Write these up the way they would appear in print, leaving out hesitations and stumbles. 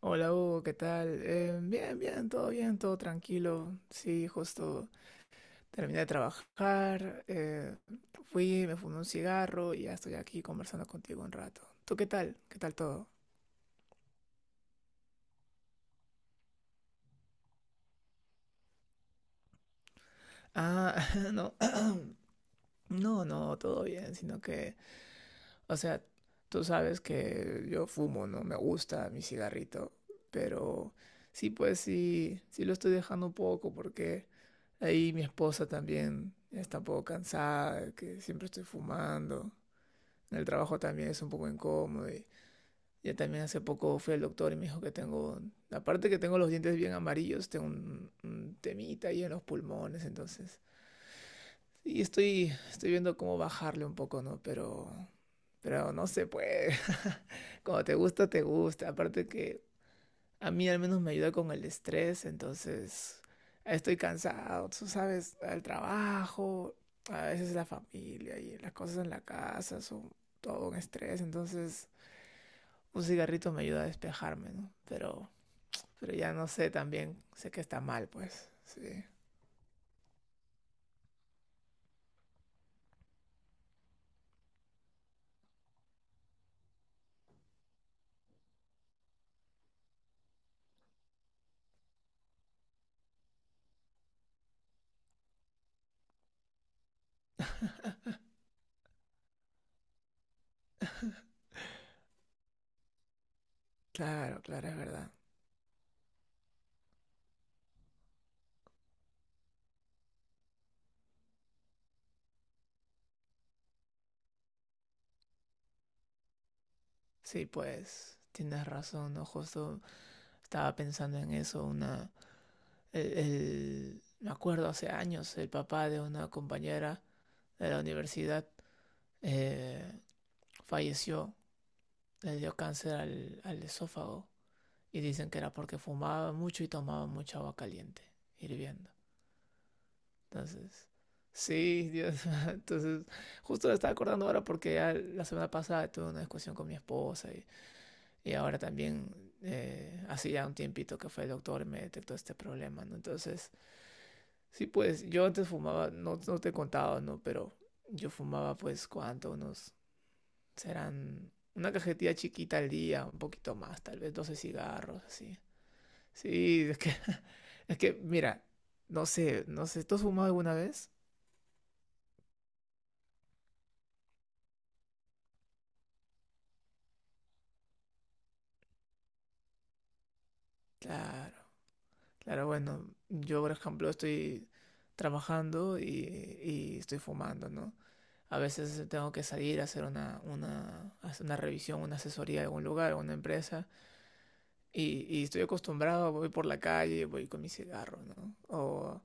Hola Hugo, ¿qué tal? Bien, bien, todo tranquilo. Sí, justo terminé de trabajar, fui, me fumé un cigarro y ya estoy aquí conversando contigo un rato. ¿Tú qué tal? ¿Qué tal todo? Ah, no, no, no, todo bien, sino que, o sea, tú sabes que yo fumo, ¿no? Me gusta mi cigarrito, pero sí, pues sí, sí lo estoy dejando un poco porque ahí mi esposa también está un poco cansada, de que siempre estoy fumando. En el trabajo también es un poco incómodo y ya también hace poco fui al doctor y me dijo que tengo, aparte que tengo los dientes bien amarillos, tengo un temita ahí en los pulmones, entonces sí, estoy viendo cómo bajarle un poco, ¿no? Pero no se puede. Cuando te gusta, te gusta. Aparte que a mí al menos me ayuda con el estrés, entonces estoy cansado, tú sabes, el trabajo, a veces la familia y las cosas en la casa son todo un estrés, entonces un cigarrito me ayuda a despejarme, ¿no? Pero ya no sé también, sé que está mal, pues, sí. Claro, claro, es verdad. Sí, pues, tienes razón, ¿no? Justo estaba pensando en eso, me acuerdo hace años, el papá de una compañera de la universidad, eh, falleció, le dio cáncer al esófago y dicen que era porque fumaba mucho y tomaba mucha agua caliente, hirviendo. Entonces, sí, Dios. Entonces, justo me estaba acordando ahora porque ya la semana pasada tuve una discusión con mi esposa, y ahora también, hace ya un tiempito que fue el doctor y me detectó este problema, ¿no? Entonces... Sí, pues yo antes fumaba, no, no te contaba, ¿no? Pero yo fumaba pues cuánto, unos, serán una cajetilla chiquita al día, un poquito más, tal vez 12 cigarros, así. Sí, es que, es que mira, no sé, no sé, ¿tú has fumado alguna vez? Claro, claro, bueno, yo por ejemplo estoy trabajando y estoy fumando, ¿no? A veces tengo que salir a hacer hacer una revisión, una asesoría de algún lugar, alguna empresa. Y estoy acostumbrado, voy por la calle, voy con mi cigarro, ¿no? O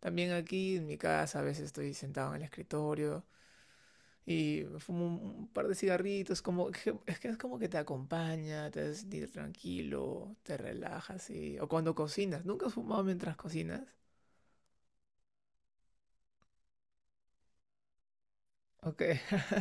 también aquí en mi casa a veces estoy sentado en el escritorio y me fumo un par de cigarritos, es que es como que te acompaña, te hace sentir tranquilo, te relajas y... O cuando cocinas, ¿nunca has fumado mientras cocinas? Ok.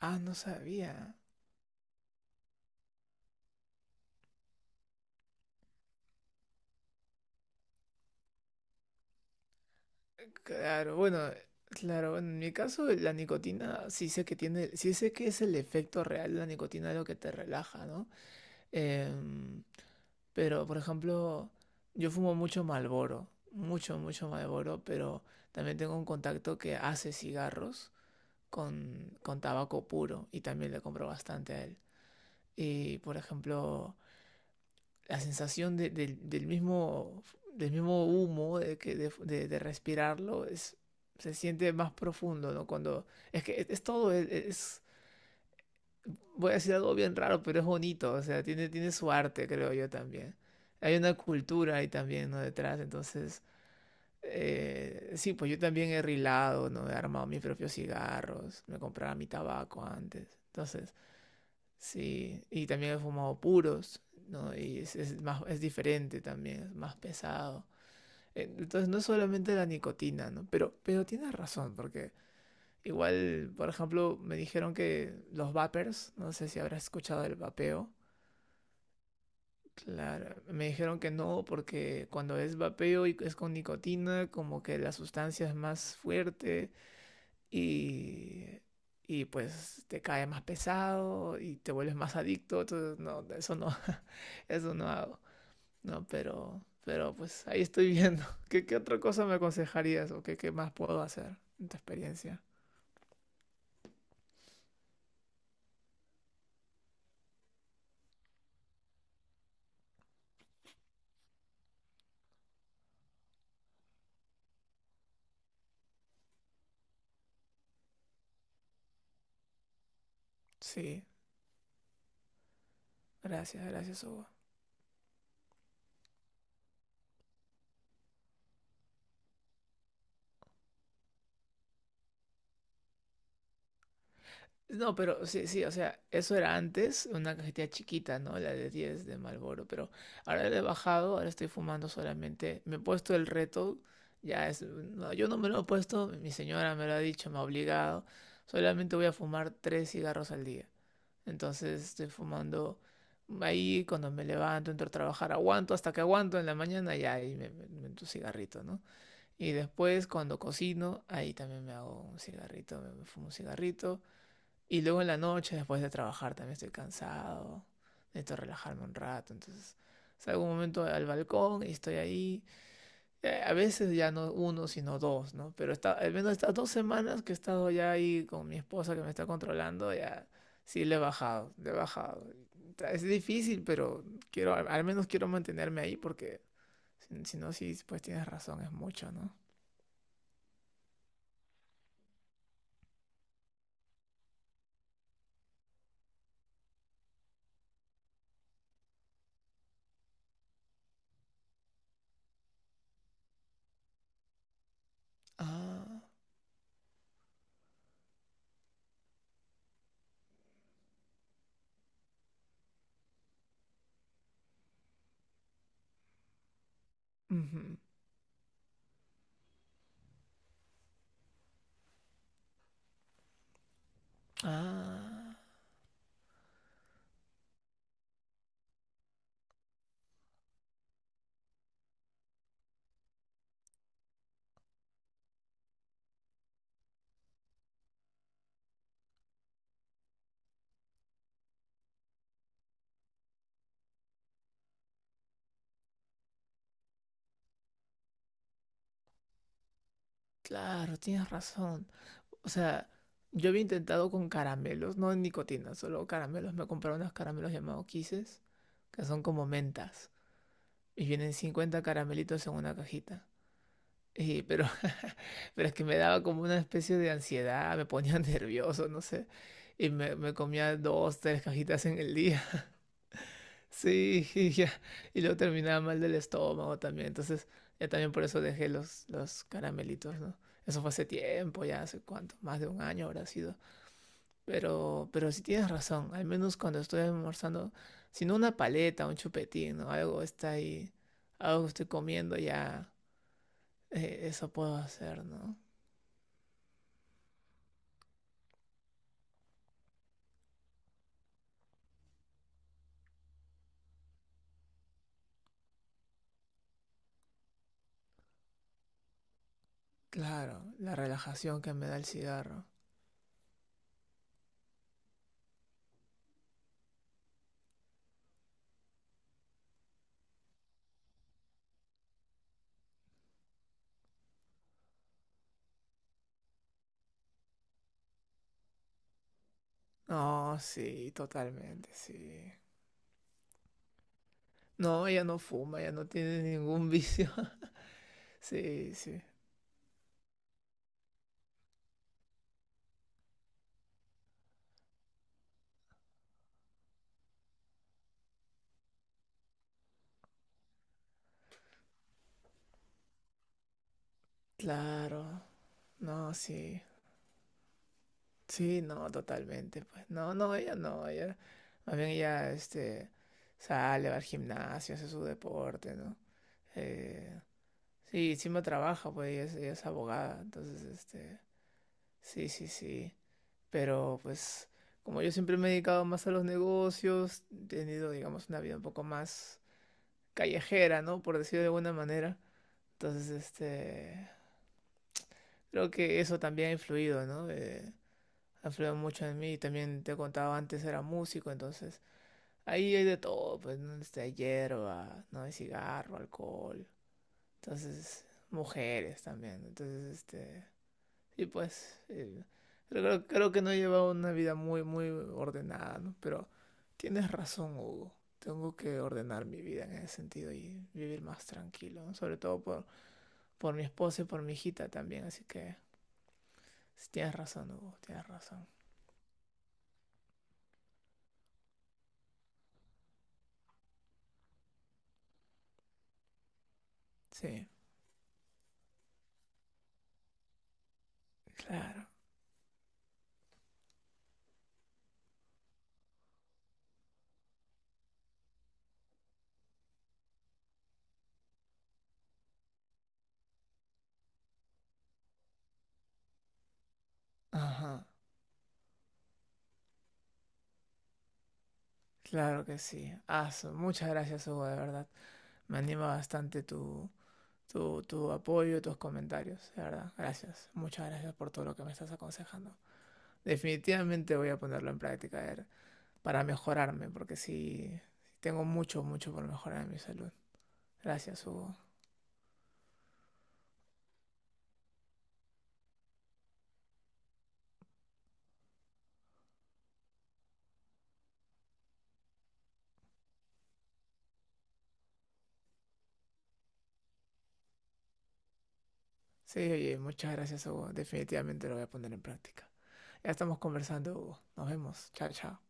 Ah, no sabía. Claro, bueno, claro, bueno, en mi caso la nicotina sí sé que tiene, sí sé que es el efecto real de la nicotina lo que te relaja, ¿no? Em, Pero, por ejemplo, yo fumo mucho Marlboro, mucho, mucho Marlboro, pero también tengo un contacto que hace cigarros con tabaco puro y también le compro bastante a él. Y, por ejemplo, la sensación del mismo, humo, de, que, de respirarlo, es, se siente más profundo, ¿no? Cuando, es que es todo, es, voy a decir algo bien raro, pero es bonito, o sea, tiene su arte, creo yo también. Hay una cultura ahí también, ¿no? Detrás, entonces, sí, pues yo también he rilado, ¿no? He armado mis propios cigarros, me compraba mi tabaco antes, entonces, sí, y también he fumado puros, ¿no? Y es más, es diferente también, es más pesado. Entonces, no es solamente la nicotina, ¿no? Pero tienes razón, porque igual, por ejemplo, me dijeron que los vapers, no sé si habrás escuchado el vapeo. Claro, me dijeron que no, porque cuando es vapeo y es con nicotina, como que la sustancia es más fuerte y, y pues te cae más pesado y te vuelves más adicto, entonces no, eso no, eso no hago, no, pero, pues ahí estoy viendo. ¿¿Qué otra cosa me aconsejarías o qué más puedo hacer en tu experiencia? Sí, gracias, gracias, Hugo. No, pero sí, sí, o sea, eso era antes una cajetilla chiquita, ¿no? La de 10 de Marlboro, pero ahora le he bajado, ahora estoy fumando solamente. Me he puesto el reto, ya es. No, yo no me lo he puesto, mi señora me lo ha dicho, me ha obligado. Solamente voy a fumar tres cigarros al día. Entonces estoy fumando ahí cuando me levanto, entro a trabajar, aguanto hasta que aguanto en la mañana, ya ahí me meto un cigarrito, ¿no? Y después cuando cocino, ahí también me hago un cigarrito, me fumo un cigarrito. Y luego en la noche, después de trabajar, también estoy cansado. Necesito relajarme un rato. Entonces salgo un momento al balcón y estoy ahí. A veces ya no uno, sino dos, ¿no? Pero está, al menos estas 2 semanas que he estado ya ahí con mi esposa que me está controlando, ya sí le he bajado, le he bajado. Es difícil, pero quiero, al menos quiero mantenerme ahí porque si no, sí, pues tienes razón, es mucho, ¿no? Ah, ujú. Ah, claro, tienes razón. O sea, yo había intentado con caramelos, no en nicotina, solo caramelos. Me compraron unos caramelos llamados Kisses, que son como mentas. Y vienen 50 caramelitos en una cajita. Y, pero, pero es que me daba como una especie de ansiedad, me ponía nervioso, no sé. Y me comía dos, tres cajitas en el día. Sí, y ya. Y luego terminaba mal del estómago también. Entonces, ya también por eso dejé los caramelitos, ¿no? Eso fue hace tiempo, ya hace cuánto, más de un año habrá sido. Pero sí tienes razón, al menos cuando estoy almorzando, si no una paleta, un chupetín, ¿no? Algo está ahí, algo que estoy comiendo ya, eso puedo hacer, ¿no? Claro, la relajación que me da el cigarro. No, sí, totalmente, sí. No, ella no fuma, ella no tiene ningún vicio. Sí, sí. Claro, no, sí. Sí, no, totalmente, pues. No, no, ella no, ella, más bien ella, este, sale, va al gimnasio, hace su deporte, ¿no? Eh, sí, encima trabaja, pues ella es abogada, entonces, este, sí, sí, sí. Pero, pues, como yo siempre me he dedicado más a los negocios, he tenido, digamos, una vida un poco más callejera, ¿no? Por decirlo de alguna manera. Entonces, este, creo que eso también ha influido, ¿no? Ha influido mucho en mí. También te contaba antes era músico, entonces ahí hay de todo, pues, ¿no? Desde hierba, ¿no? Hay cigarro, alcohol, entonces mujeres también, entonces este... Y pues, creo que no he llevado una vida muy, muy ordenada, ¿no? Pero tienes razón, Hugo. Tengo que ordenar mi vida en ese sentido y vivir más tranquilo, ¿no? Sobre todo por mi esposa y por mi hijita también, así que sí, tienes razón, Hugo, tienes razón. Sí, claro. Ajá. Claro que sí. Aso, muchas gracias, Hugo, de verdad. Me anima bastante tu apoyo, tus comentarios, de verdad. Gracias. Muchas gracias por todo lo que me estás aconsejando. Definitivamente voy a ponerlo en práctica a ver, para mejorarme, porque sí, sí tengo mucho, mucho por mejorar en mi salud. Gracias, Hugo. Sí, oye, muchas gracias, Hugo. Definitivamente lo voy a poner en práctica. Ya estamos conversando, Hugo. Nos vemos. Chao, chao.